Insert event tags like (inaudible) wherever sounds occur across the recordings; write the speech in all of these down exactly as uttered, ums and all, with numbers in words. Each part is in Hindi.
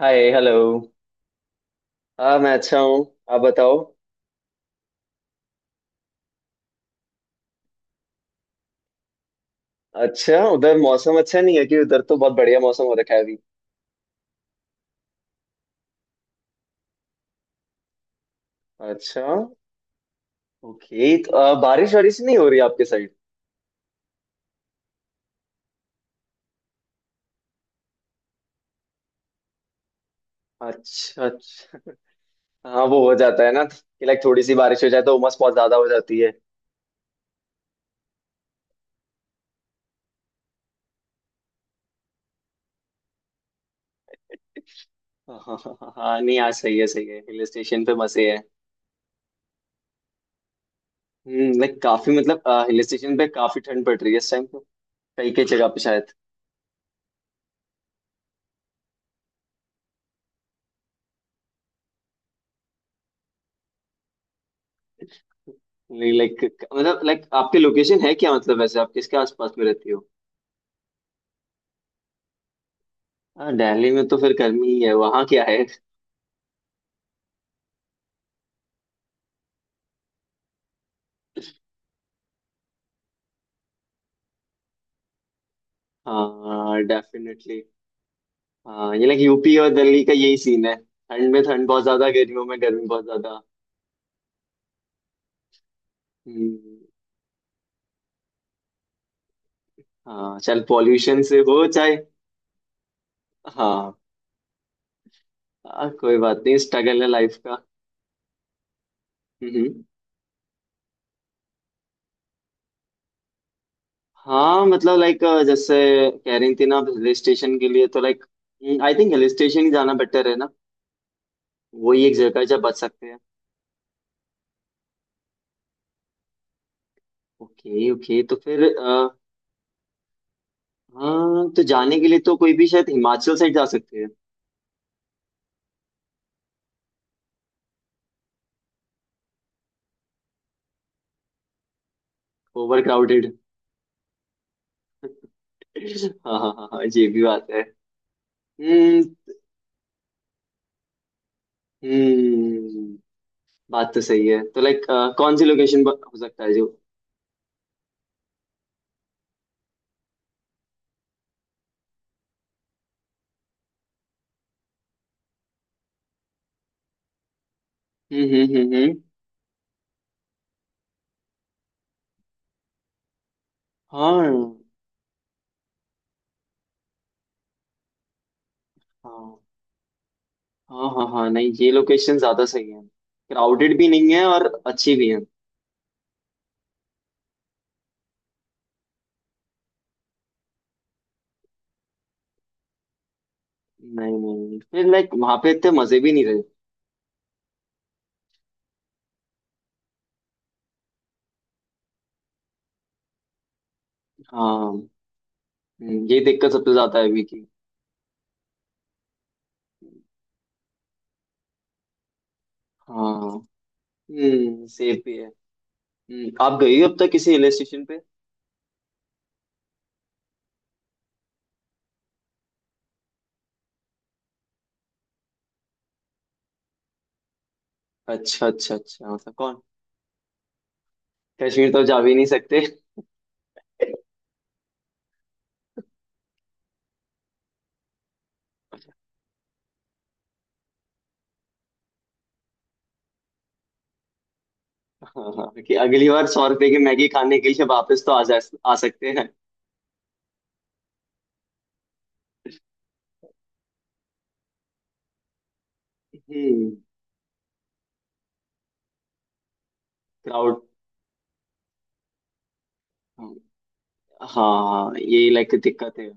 हाय हेलो। हाँ, मैं अच्छा हूँ। आप बताओ। अच्छा, उधर मौसम अच्छा नहीं है कि उधर तो बहुत बढ़िया मौसम हो रखा है अभी। अच्छा। ओके, तो अ, बारिश वारिश नहीं हो रही आपके साइड? अच्छा, अच्छा। हाँ, वो हो जाता है ना कि लाइक थोड़ी सी बारिश हो जाए तो उमस बहुत ज्यादा हो जाती है। (laughs) हाँ, हाँ, हाँ, हाँ, नहीं आज सही है, सही है, हिल स्टेशन पे मजे है। हम्म लाइक काफी मतलब। हिल स्टेशन पे काफी ठंड पड़ रही है इस टाइम तो। कई कई जगह पे शायद। लाइक। मतलब लाइक आपकी लोकेशन है क्या? मतलब वैसे आप किसके आसपास में रहती हो? हाँ, दिल्ली में तो फिर गर्मी ही है, वहाँ क्या है। हाँ, डेफिनेटली। हाँ, ये लाइक यूपी और दिल्ली का यही सीन है। ठंड में ठंड बहुत ज्यादा, गर्मियों में गर्मी बहुत ज्यादा। हम्म। हाँ, चल पॉल्यूशन से हो चाहे। हाँ, हाँ, कोई बात नहीं, स्ट्रगल है लाइफ का। हम्म। हाँ, मतलब लाइक। जैसे। कह रही थी ना। हिल स्टेशन के लिए तो like. I think hill station ही जाना बेटर है ना। वही एक जगह है जहाँ बच सकते हैं। ओके, ओके, तो फिर अ, हाँ, तो जाने के लिए तो कोई भी शायद हिमाचल साइड जा सकते हैं। Over crowded. हाँ, हाँ, हाँ, हाँ, ये भी बात है। हम्म, हम्म। बात तो सही है, तो लाइक। कौन सी लोकेशन हो सकता है जो। हम्म, हम्म, हम्म, हम्म। हाँ, हाँ, हाँ, हाँ, हाँ, नहीं, ये लोकेशन ज्यादा सही है। क्राउडेड भी नहीं है और अच्छी भी है। नहीं, नहीं, फिर लाइक वहां पे इतने मजे भी नहीं रहे। हाँ। हम्म, ये दिक्कत सबसे ज्यादा है अभी की। हाँ। हम्म सेफ भी है। हम्म, आप गई हो अब तक किसी हिल स्टेशन पे? अच्छा, अच्छा, अच्छा, मतलब कौन। कश्मीर तो जा भी नहीं सकते (laughs) हाँ, कि अगली बार सौ रुपए की मैगी खाने के लिए वापस तो आ जा। आ सकते हैं। हम्म। क्राउड। हाँ, यही लाइक दिक्कत है।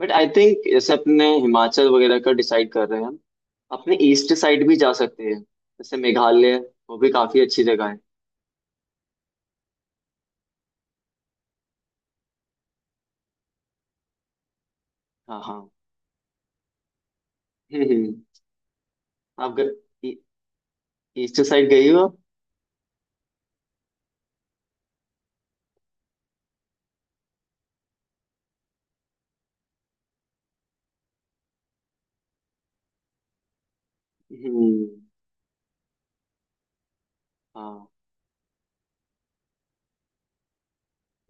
बट आई थिंक जैसे अपने हिमाचल वगैरह का डिसाइड कर रहे हैं हम। अपने ईस्ट साइड भी जा सकते हैं, जैसे मेघालय। वो भी काफी अच्छी जगह है। हाँ, हाँ। हम्म आप ईस्ट साइड गई हो? हम्म, हाँ।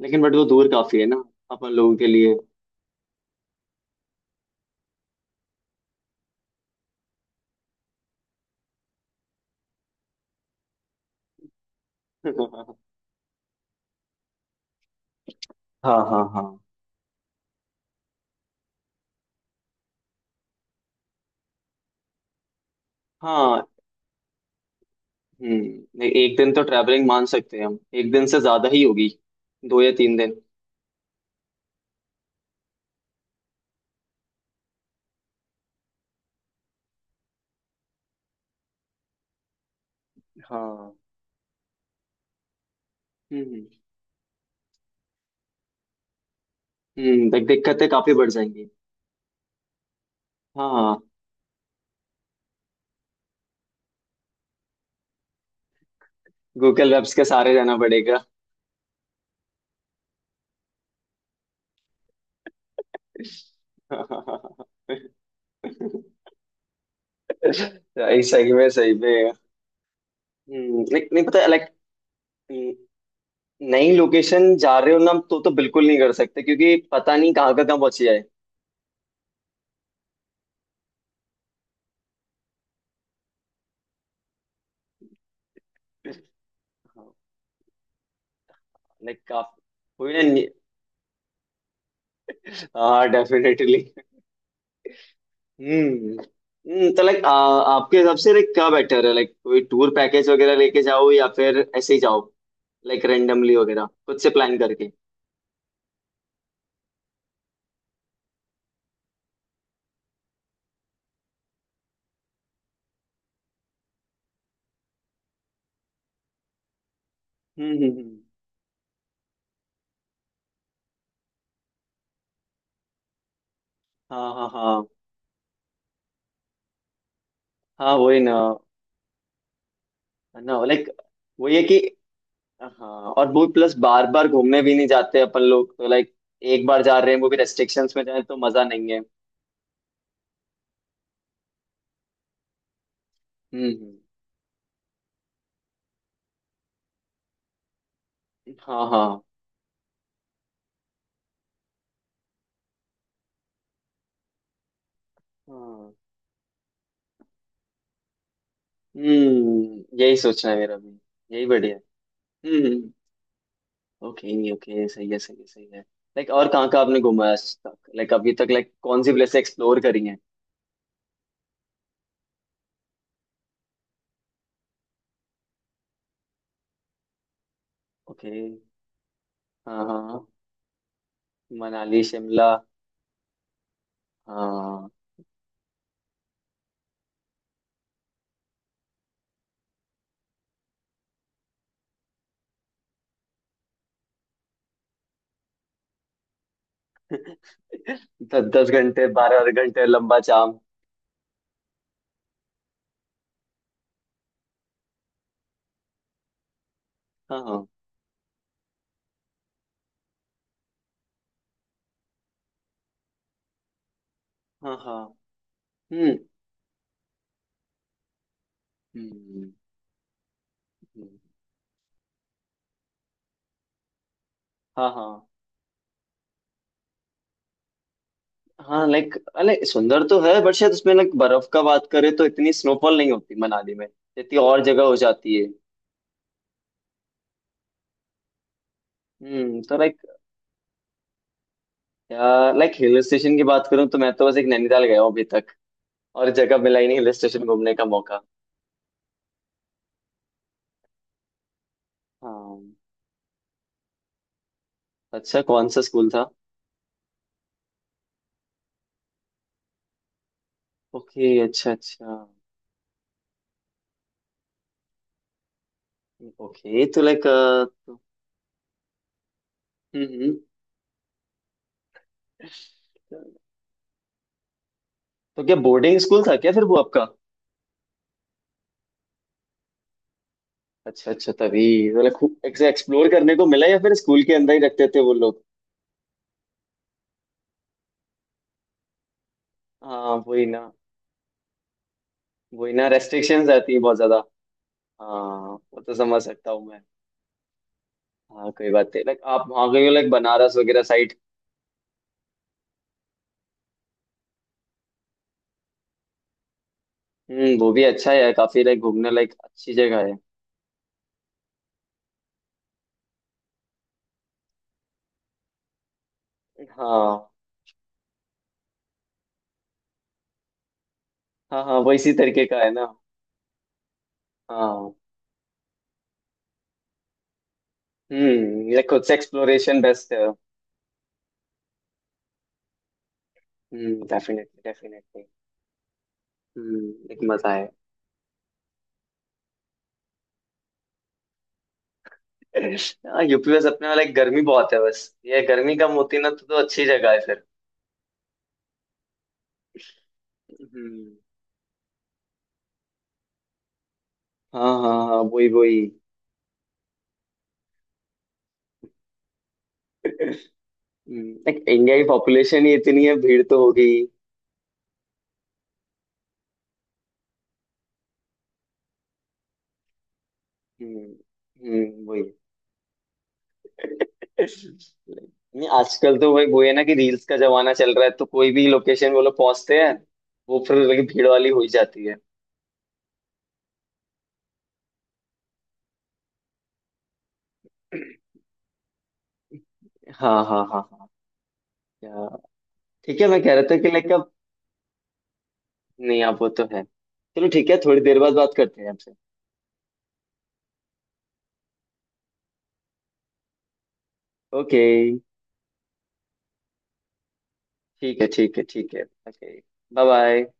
लेकिन बट वो दूर काफी है ना। अपन लोगों के लिए। (laughs) हाँ, हाँ, हाँ, हाँ। हम्म। ए- एक दिन तो ट्रैवलिंग मान सकते हैं, हम एक दिन से ज्यादा ही होगी। दो या तीन दिन। हाँ। हम्म। हम्म देख दिक्कतें काफी बढ़ जाएंगी। हाँ, गूगल मैप्स के सहारे रहना पड़ेगा। सही, सही में, सही में। हम्म, नहीं, नहीं पता लाइक। नई लोकेशन जा रहे हो ना तो तो बिल्कुल नहीं कर सकते क्योंकि पता नहीं कहाँ का कहाँ पहुंच जाए। लाइक आप। हुई ना। हाँ, डेफिनेटली। हम्म। हम्म, तो लाइक आपके हिसाब से लाइक क्या बेटर है? लाइक कोई टूर पैकेज वगैरह लेके जाओ या फिर ऐसे ही जाओ? लाइक रेंडमली वगैरह खुद से प्लान करके। हम्म, हम्म, हम्म। हाँ, हाँ, हाँ, हाँ, वही ना। ना लाइक। वही है कि। हाँ। और वो प्लस बार बार घूमने भी नहीं जाते अपन लोग तो लाइक। एक बार जा रहे हैं, वो भी रेस्ट्रिक्शंस में जाए तो मजा नहीं है। हम्म, हम्म। हाँ, हाँ, हाँ। हम्म यही सोचना है मेरा भी। यही बढ़िया है। हम्म। ओके, ओके, सही है, सही है, सही है। लाइक और कहाँ कहाँ आपने घूमा है आज तक? लाइक अभी तक लाइक कौन सी प्लेस एक्सप्लोर करी हैं? ओके। हाँ, हाँ। मनाली शिमला। हाँ। (laughs) दस दस घंटे बारह बारह घंटे लंबा जाम। हाँ, हाँ, हाँ, हाँ। हम्म, हम्म, हम्म, हाँ, हाँ, हाँ, लाइक अरे सुंदर तो है बट शायद उसमें लाइक बर्फ का बात करें तो इतनी स्नोफॉल नहीं होती मनाली में। जितनी और जगह हो जाती है। हम्म तो लाइक। लाइक हिल स्टेशन की बात करूँ तो मैं तो बस एक नैनीताल गया हूँ अभी तक। और जगह मिला ही नहीं हिल स्टेशन घूमने का मौका। हाँ। अच्छा, कौन सा स्कूल था? ओके, अच्छा, अच्छा। ओके, तो लाइक हम्म। हम्म। तो क्या बोर्डिंग स्कूल था क्या फिर वो आपका? अच्छा, अच्छा, तभी। मतलब खूब एक्सप्लोर करने को मिला या फिर स्कूल के अंदर ही रखते थे वो लोग? हाँ, वही ना। वही ना, रेस्ट्रिक्शंस आती है बहुत ज्यादा। हाँ, वो तो समझ सकता हूँ मैं। हाँ, कोई बात नहीं, लाइक आप वहाँ गए हो लाइक बनारस वगैरह साइड? हम्म वो भी अच्छा है, काफी लाइक घूमने लाइक अच्छी जगह है। हाँ, हाँ, हाँ, वो इसी तरीके का है ना। हाँ। हम्म ये खुद से एक्सप्लोरेशन बेस्ट है। हम्म, डेफिनेटली, डेफिनेटली। हम्म एक मजा है। हाँ, यूपी बस अपने वाला एक गर्मी बहुत है, बस ये गर्मी कम होती ना तो तो अच्छी जगह है फिर। हम्म। हाँ, हाँ, हाँ, वही, वही। हम्म, एक इंडिया की पॉपुलेशन ही इतनी है, भीड़ तो होगी ही। हम्म। हम्म, वही। नहीं, आजकल तो भाई वो है ना कि रील्स का जमाना चल रहा है तो कोई भी लोकेशन वो लोग पहुंचते हैं। वो फिर लगी भीड़ वाली हो ही जाती है। हाँ, हाँ, हाँ, हाँ। क्या। ठीक है, मैं कह रहा था कि लाइक अब। नहीं, आप वो तो है, चलो ठीक है थोड़ी देर बाद बात करते हैं आपसे। ओके। ठीक है, ठीक है, ठीक है, ओके। Bye, bye.